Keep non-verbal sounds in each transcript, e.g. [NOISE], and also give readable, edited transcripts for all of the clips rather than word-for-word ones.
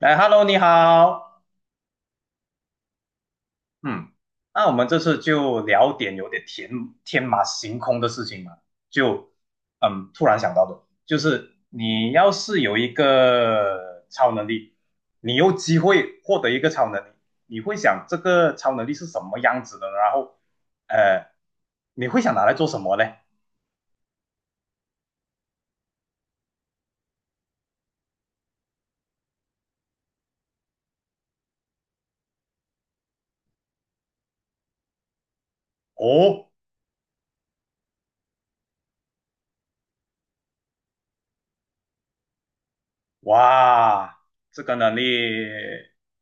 来 h e l l o 你好。嗯，那我们这次就聊点有点天马行空的事情嘛，就突然想到的，就是你要是有一个超能力，你有机会获得一个超能力，你会想这个超能力是什么样子的呢，然后呃，你会想拿来做什么呢？哦，哇，这个能力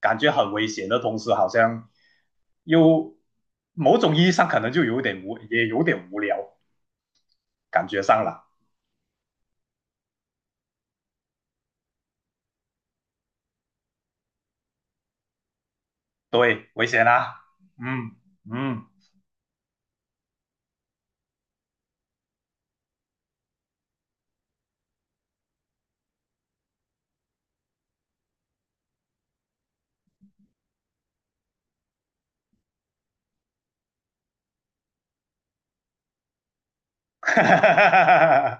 感觉很危险的同时，好像又某种意义上可能就有点无，也有点无聊，感觉上了。对，危险啦。嗯嗯，[LAUGHS]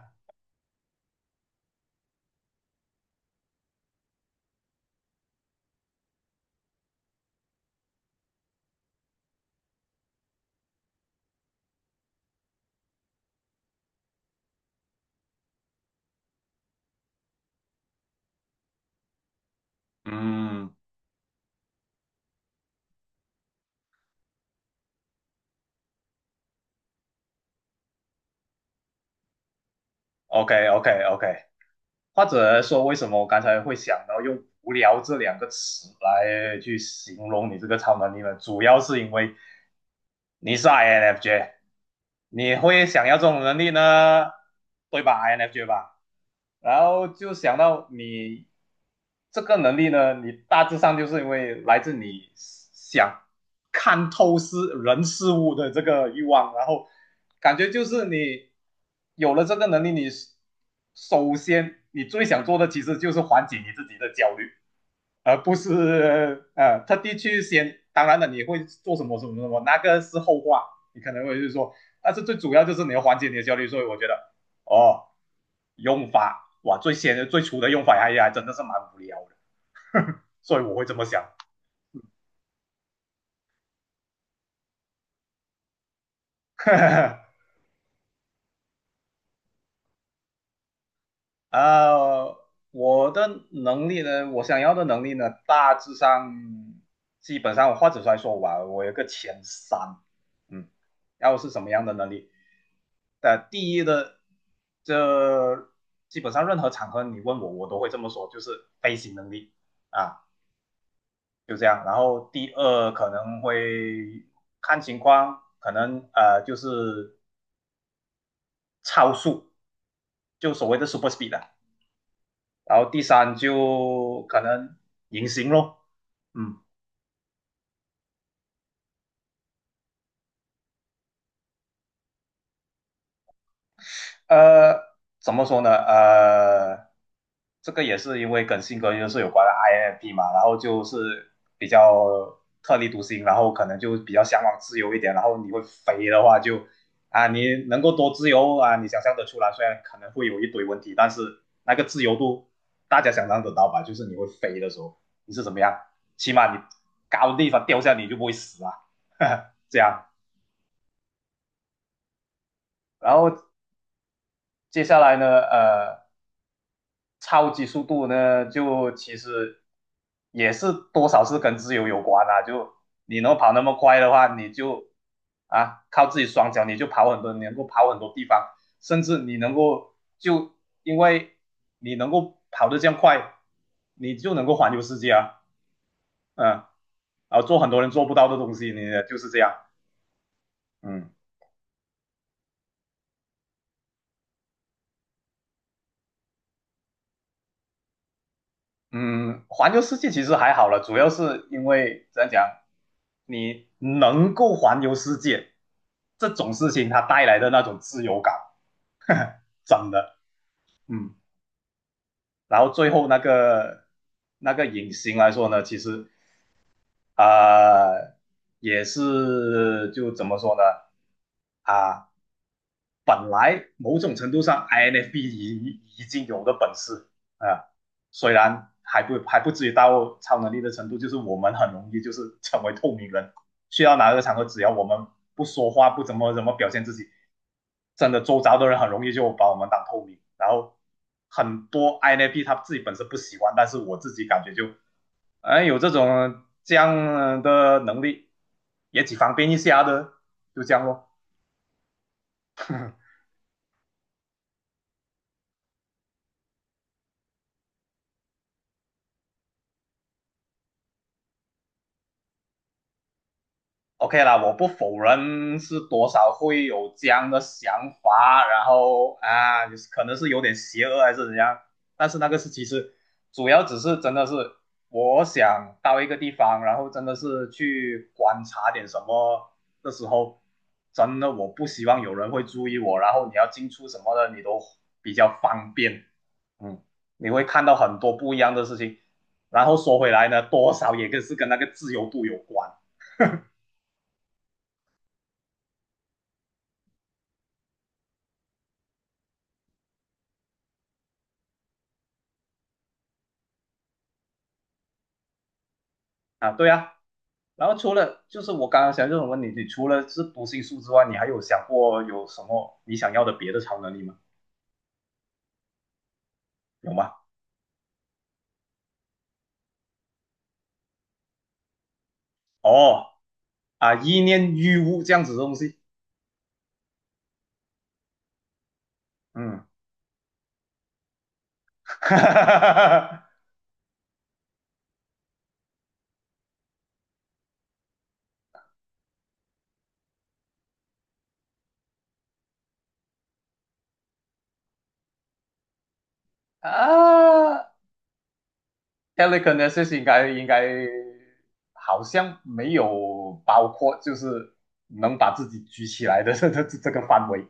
嗯，OK OK OK,或者说为什么我刚才会想到用"无聊"这两个词来去形容你这个超能力呢？主要是因为你是 INFJ,你会想要这种能力呢，对吧？INFJ 吧，然后就想到你这个能力呢，你大致上就是因为来自你想看透人事物的这个欲望，然后感觉就是你有了这个能力，你首先最想做的其实就是缓解你自己的焦虑，而不是特地去先。当然了，你会做什么什么什么，那个是后话，你可能会就是说，但是最主要就是你要缓解你的焦虑。所以我觉得，哦，用法哇，最初的用法哎还真的是蛮无聊的，[LAUGHS] 呵呵，所以我会这么想。[LAUGHS] 呵呵呃，我想要的能力呢，大致上基本上我或者来说吧，我有个前三，嗯，然后是什么样的能力？第一的，这基本上任何场合你问我，我都会这么说，就是飞行能力啊，就这样。然后第二可能会看情况，可能就是超速，就所谓的 super speed 的。然后第三就可能隐形咯，嗯。呃，怎么说呢？这个也是因为跟性格就是有关的 INFP 嘛，然后就是比较特立独行，然后可能就比较向往自由一点，然后你会肥的话就啊，你能够多自由啊，你想象得出来，虽然可能会有一堆问题，但是那个自由度大家想象得到吧？就是你会飞的时候，你是怎么样？起码你高的地方掉下你就不会死啊，[LAUGHS] 这样。然后接下来呢。超级速度呢，就其实也是多少是跟自由有关啊。就你能跑那么快的话，你就啊靠自己双脚，你就跑很多，你能够跑很多地方，甚至你能够就因为你能够跑得这样快，你就能够环游世界啊，嗯，然后做很多人做不到的东西，你就是这样，嗯。嗯，环游世界其实还好了，主要是因为怎样讲，你能够环游世界这种事情，它带来的那种自由感，[LAUGHS] 呵呵真的，嗯。然后最后那个隐形来说呢，其实啊、呃也是就怎么说呢啊、本来某种程度上 INFP 已经有的本事啊、呃虽然还不至于到超能力的程度，就是我们很容易就是成为透明人，去到哪个场合，只要我们不说话，不怎么表现自己，真的周遭的人很容易就把我们当透明。然后很多 INFP 他自己本身不喜欢，但是我自己感觉就，有这样的能力也挺方便一下的，就这样咯。OK 啦，我不否认是多少会有这样的想法，然后啊，就是可能是有点邪恶还是怎样，但是那个是其实主要只是真的是我想到一个地方，然后真的是去观察点什么的时候，真的我不希望有人会注意我，然后你要进出什么的你都比较方便，嗯，你会看到很多不一样的事情，然后说回来呢，多少也是跟那个自由度有关啊，对啊。然后除了就是我刚刚想这种问题，你除了是读心术之外，你还有想过有什么你想要的别的超能力吗？有吗？哦啊，意念欲物这样子的东西，嗯，[LAUGHS] 啊，telekinesis 应该好像没有包括，就是能把自己举起来的 [LAUGHS] 这个范围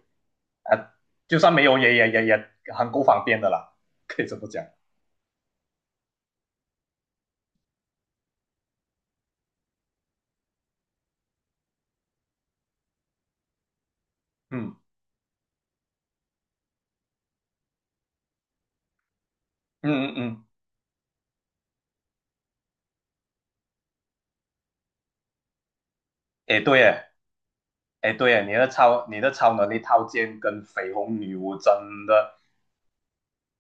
啊，就算没有也很够方便的啦，可以这么讲，嗯嗯嗯嗯，哎、嗯对耶。哎，对啊，你的超能力套件跟绯红女巫真的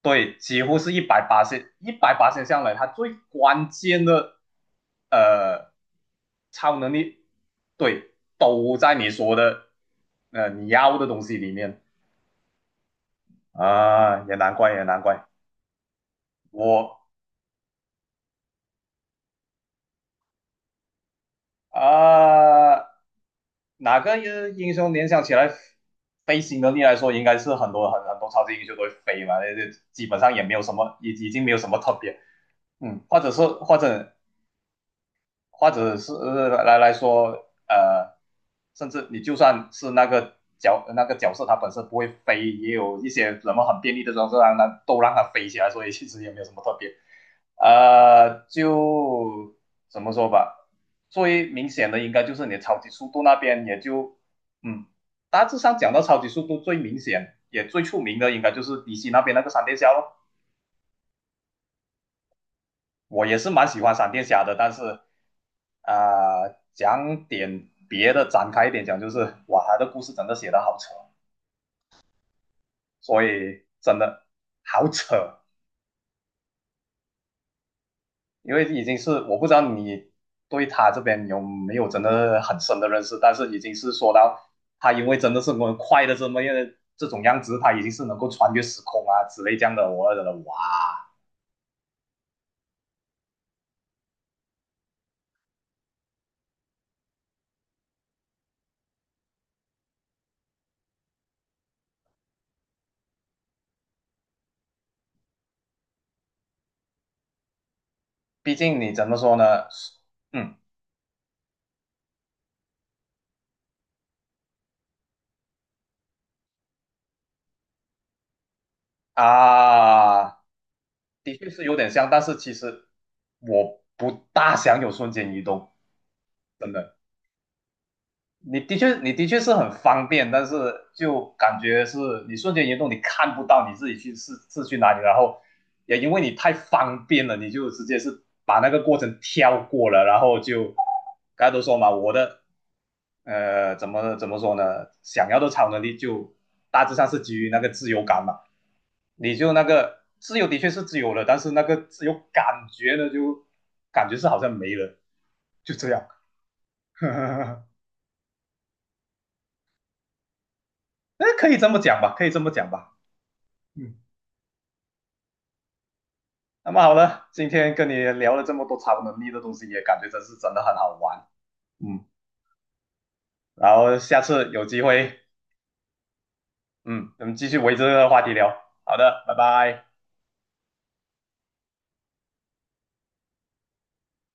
对，几乎是一百八十上来，它最关键的呃超能力，对，都在你说的你要的东西里面啊，也难怪也难怪我啊、哪个英雄联想起来飞行能力来说，应该是很多超级英雄都会飞嘛，那就基本上也没有什么，已经没有什么特别。嗯，或者是或者或者是来说，甚至你就算是那个角色，他本身不会飞，也有一些什么很便利的装置让它都让他飞起来，所以其实也没有什么特别。就怎么说吧，最明显的应该就是你的超级速度那边，也就嗯，大致上讲到超级速度最明显也最出名的，应该就是迪西那边那个闪电侠咯。我也是蛮喜欢闪电侠的，但是讲点别的，展开一点讲，就是哇，他的故事真的写的好扯，所以真的好扯，因为已经是我不知道你对他这边有没有真的很深的认识，但是已经是说到他因为真的是我快的这么样这种样子，他已经是能够穿越时空啊之类这样的，我觉得哇，毕竟你怎么说呢？嗯啊，的确是有点像，但是其实我不大想有瞬间移动，真的。你的确是很方便，但是就感觉是你瞬间移动，你看不到你自己去是去哪里，然后也因为你太方便了，你就直接是把那个过程跳过了，然后就刚才都说嘛，我的怎么说呢，想要的超能力就大致上是基于那个自由感嘛，你就那个自由的确是自由了，但是那个自由感觉呢，就感觉是好像没了，就这样。[LAUGHS] 哎，可以这么讲吧，可以这么讲吧。嗯，那么好了，今天跟你聊了这么多超能力的东西，也感觉真的很好玩。嗯，然后下次有机会，嗯，我们继续围着这个话题聊。好的，拜拜。